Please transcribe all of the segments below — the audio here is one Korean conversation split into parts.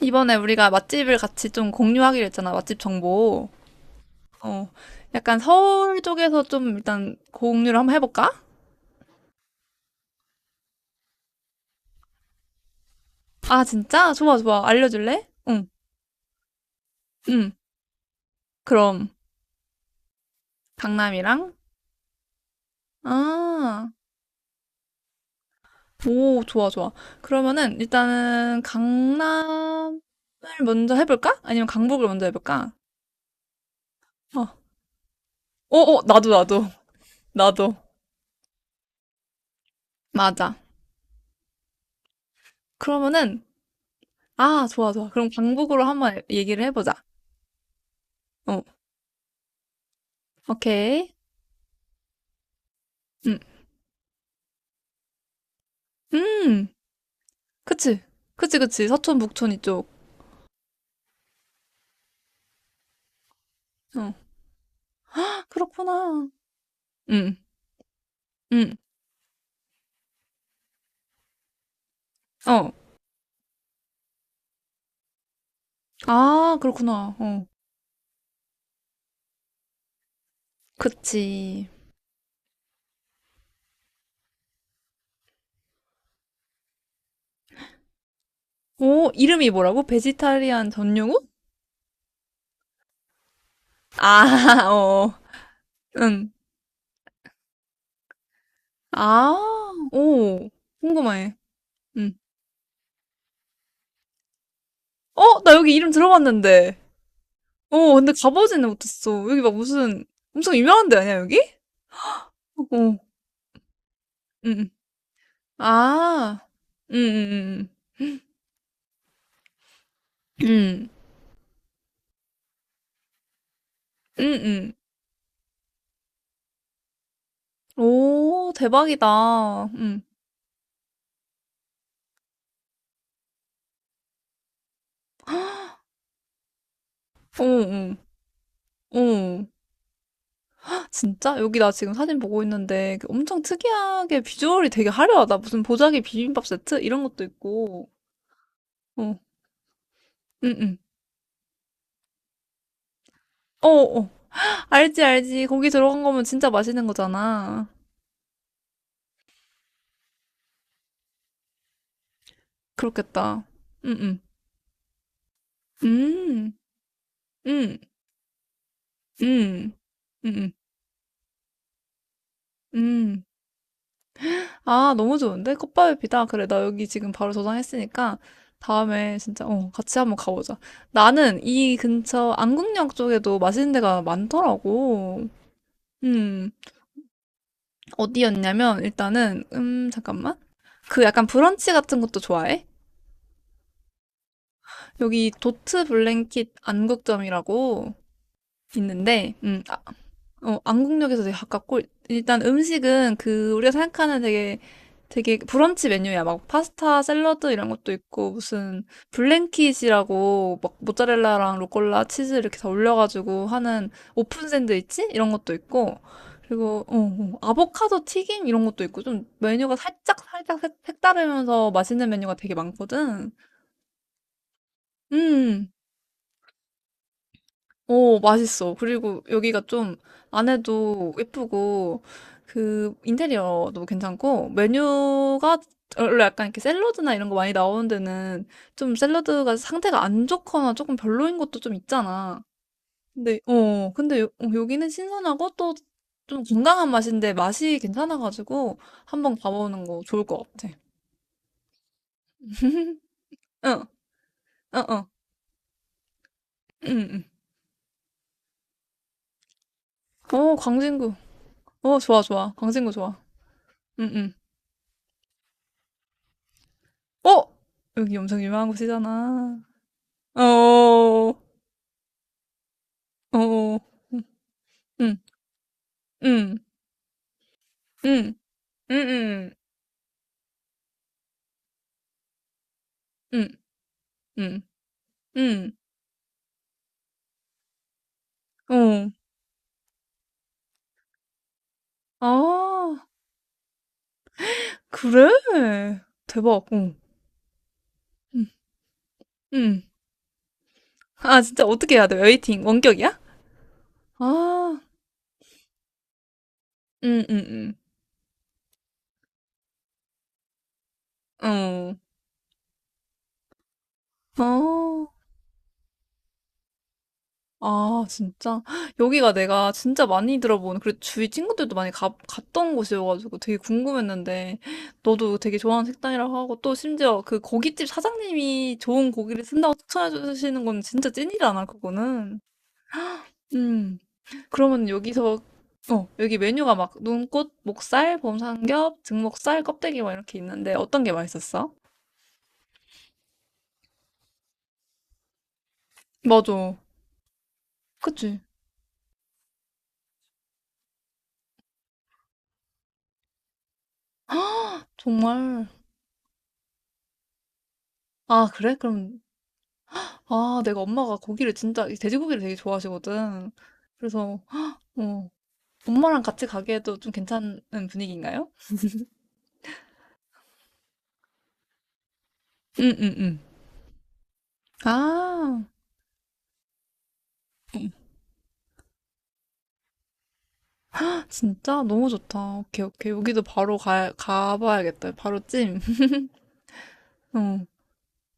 이번에 우리가 맛집을 같이 좀 공유하기로 했잖아, 맛집 정보. 어, 약간 서울 쪽에서 좀 일단 공유를 한번 해볼까? 아, 진짜? 좋아, 좋아. 알려줄래? 응, 응. 그럼, 강남이랑? 아, 오, 좋아, 좋아. 그러면은 일단은 강남을 먼저 해볼까? 아니면 강북을 먼저 해볼까? 어, 어, 어, 나도, 나도, 나도. 맞아. 그러면은, 아, 좋아, 좋아. 그럼 강북으로 한번 얘기를 해보자. 어, 오케이. 응, 음, 음. 그치. 그치, 그치. 서촌, 북촌 이쪽. 어. 헉, 그렇구나. 응, 응. 어. 아, 그렇구나. 어. 그치. 오, 이름이 뭐라고? 베지타리안 전용우? 아, 어. 응. 아, 오. 궁금해. 응. 어, 나 여기 이름 들어봤는데. 어, 근데 가보지는 못했어. 여기 막 무슨 엄청 유명한 데 아니야, 여기? 어. 응. 아. 응, 응, 응. 응. 응, 응. 오, 대박이다. 응. 응, 응, 응. 진짜? 여기 나 지금 사진 보고 있는데 그 엄청 특이하게 비주얼이 되게 화려하다. 무슨 보자기 비빔밥 세트? 이런 것도 있고. 어, 응, 응. 어, 어. 알지, 알지. 고기 들어간 거면 진짜 맛있는 거잖아. 그렇겠다. 응, 응. 음, 음, 음, 음, 음, 음. 아, 너무 좋은데? 꽃밥위피다 그래, 나 여기 지금 바로 저장했으니까 다음에 진짜, 어, 같이 한번 가보자. 나는 이 근처 안국역 쪽에도 맛있는 데가 많더라고. 음, 어디였냐면 일단은, 잠깐만. 그 약간 브런치 같은 것도 좋아해? 여기 도트 블랭킷 안국점이라고 있는데, 안국역에서 되게 가깝고, 일단 음식은 그, 우리가 생각하는 되게, 되게 브런치 메뉴야. 막 파스타, 샐러드 이런 것도 있고, 무슨 블랭킷이라고, 막 모짜렐라랑 로꼴라, 치즈 이렇게 다 올려가지고 하는 오픈 샌드위치? 이런 것도 있고, 그리고, 아보카도 튀김 이런 것도 있고, 좀 메뉴가 살짝, 살짝 색다르면서 맛있는 메뉴가 되게 많거든. 음. 오, 맛있어. 그리고 여기가 좀 안에도 예쁘고, 그 인테리어도 괜찮고, 메뉴가 원래 약간 이렇게 샐러드나 이런 거 많이 나오는 데는 좀 샐러드가 상태가 안 좋거나 조금 별로인 것도 좀 있잖아. 근데, 어, 근데 여기는 신선하고 또 좀 건강한 맛인데 맛이 괜찮아가지고 한번 가보는 거 좋을 것 같아. 응, 응, 응, 응, 응. 어, 광진구. 어, 좋아, 좋아. 광진구 좋아. 응, 응. 어? 여기 엄청 유명한 곳이잖아. 어, 어, 응, 응, 응, 응, 응, 응, 응, 응, 어. 아, 그래? 대박, 응, 응, 응. 아, 진짜 어떻게 해야 돼? 웨이팅, 원격이야? 아, 응, 응, 응, 어, 어. 아, 진짜? 여기가 내가 진짜 많이 들어본, 그리고 주위 친구들도 많이 갔던 곳이어가지고 되게 궁금했는데, 너도 되게 좋아하는 식당이라고 하고, 또 심지어 그 고깃집 사장님이 좋은 고기를 쓴다고 추천해 주시는 건 진짜 찐이잖아, 그거는. 음, 그러면 여기서, 어, 여기 메뉴가 막 눈꽃, 목살, 봄삼겹, 등목살, 껍데기 막 이렇게 있는데, 어떤 게 맛있었어? 맞아. 그치? 정말. 아, 그래? 그럼 아 내가 엄마가 고기를 진짜 이 돼지고기를 되게 좋아하시거든. 그래서 어, 엄마랑 같이 가기에도 좀 괜찮은 분위기인가요? 응, 응, 응. 아, 진짜 너무 좋다. 오케이, 오케이. 여기도 바로 가봐야겠다. 바로 찜. 어,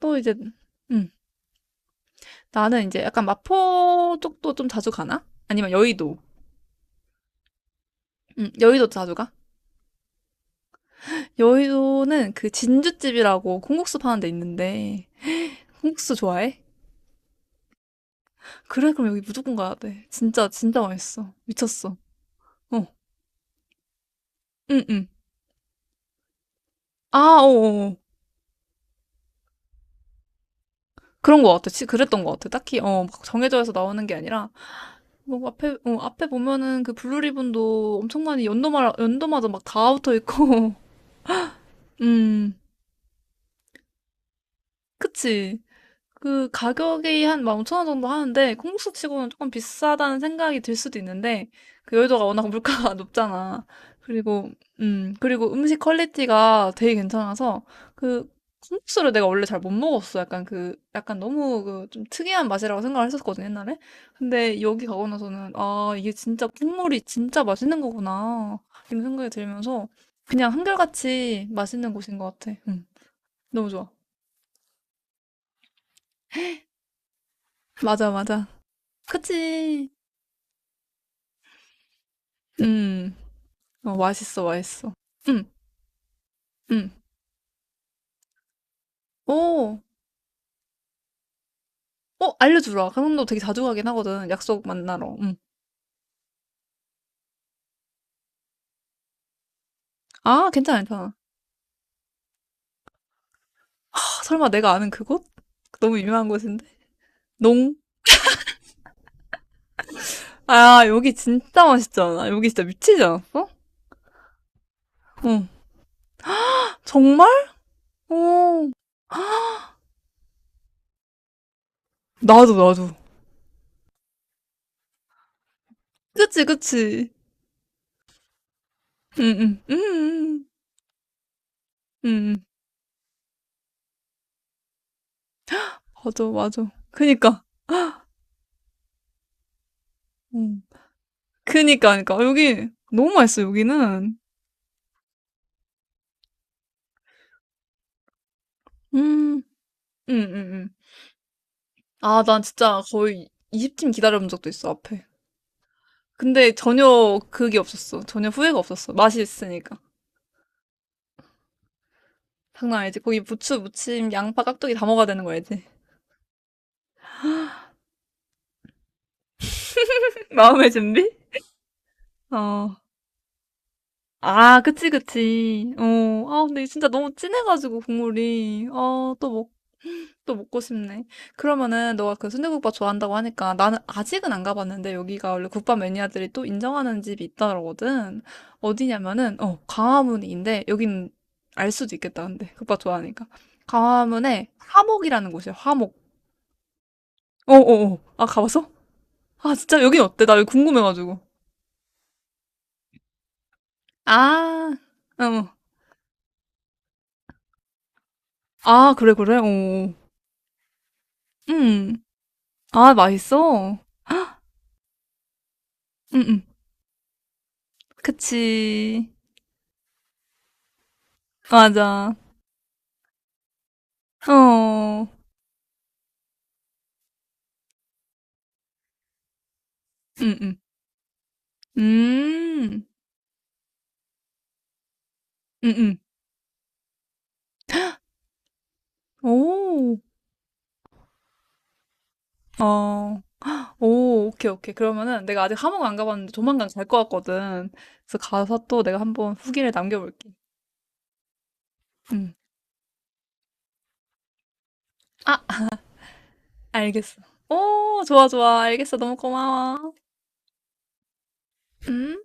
또 이제, 음, 나는 이제 약간 마포 쪽도 좀 자주 가나? 아니면 여의도. 여의도 자주 가? 여의도는 그 진주집이라고 콩국수 파는 데 있는데, 콩국수 좋아해? 그래, 그럼 여기 무조건 가야 돼. 진짜, 진짜 맛있어. 미쳤어. 어, 응, 응. 아, 어, 어, 어. 그런 거 같아. 그랬던 거 같아. 딱히, 어, 막 정해져 해서 나오는 게 아니라, 뭐, 앞에 보면은 그 블루리본도 엄청 많이 연도마다 막 다 붙어 있고, 음, 그치. 그 가격이 한 15,000원 정도 하는데 콩국수 치고는 조금 비싸다는 생각이 들 수도 있는데 그 여의도가 워낙 물가가 높잖아. 그리고 그리고 음식 퀄리티가 되게 괜찮아서 그 콩국수를 내가 원래 잘 못 먹었어. 약간 그 약간 너무 그 좀 특이한 맛이라고 생각을 했었거든 옛날에. 근데 여기 가고 나서는 아 이게 진짜 국물이 진짜 맛있는 거구나 이런 생각이 들면서 그냥 한결같이 맛있는 곳인 것 같아. 너무 좋아. 맞아 맞아. 그치. 음, 어, 맛있어, 맛있어. 응, 응. 오, 어, 알려주라. 강원도 되게 자주 가긴 하거든. 약속 만나러. 응. 아, 괜찮아, 괜찮아. 아 설마 내가 아는 그곳? 너무 유명한 곳인데? 농? 아, 여기 진짜 맛있지 않아? 여기 진짜 미치지 않았어? 응. 정말? 오, 나도, 나도. 그치, 그치. 응, 응, 응, 응, 응. 맞아, 맞아. 그니까. 응. 그니까, 그니까. 여기 너무 맛있어, 여기는. 음, 응, 응, 응. 아, 난 진짜 거의 20팀 기다려본 적도 있어, 앞에. 근데 전혀 그게 없었어. 전혀 후회가 없었어. 맛이 있으니까. 장난 아니지. 거기 부추, 무침, 양파, 깍두기 다 먹어야 되는 거 알지? 마음의 준비? 어. 아, 그치, 그치. 어. 아, 근데 진짜 너무 진해가지고, 국물이. 아, 또 먹고. 또 먹고 싶네. 그러면은 너가 그 순대국밥 좋아한다고 하니까 나는 아직은 안 가봤는데 여기가 원래 국밥 매니아들이 또 인정하는 집이 있다거든. 어디냐면은 어 광화문인데 여긴 알 수도 있겠다 근데 국밥 좋아하니까 광화문에 화목이라는 곳이야. 화목. 어어어. 아 가봤어? 아 진짜 여긴 어때? 나 여기 궁금해가지고. 아, 어. 아 그래 그래. 어. 어. 음. 아 맛있어. 음 음. 그치. 맞아. 어. 응, 응. 음. 음음. 오. 어. 오 오케이, 오케이. 그러면은 내가 아직 하모안 가봤는데 조만간 갈 것 같거든. 그래서 가서 또 내가 한번 후기를 남겨볼게. 음. 아 알겠어. 오 좋아, 좋아. 알겠어. 너무 고마워. 음.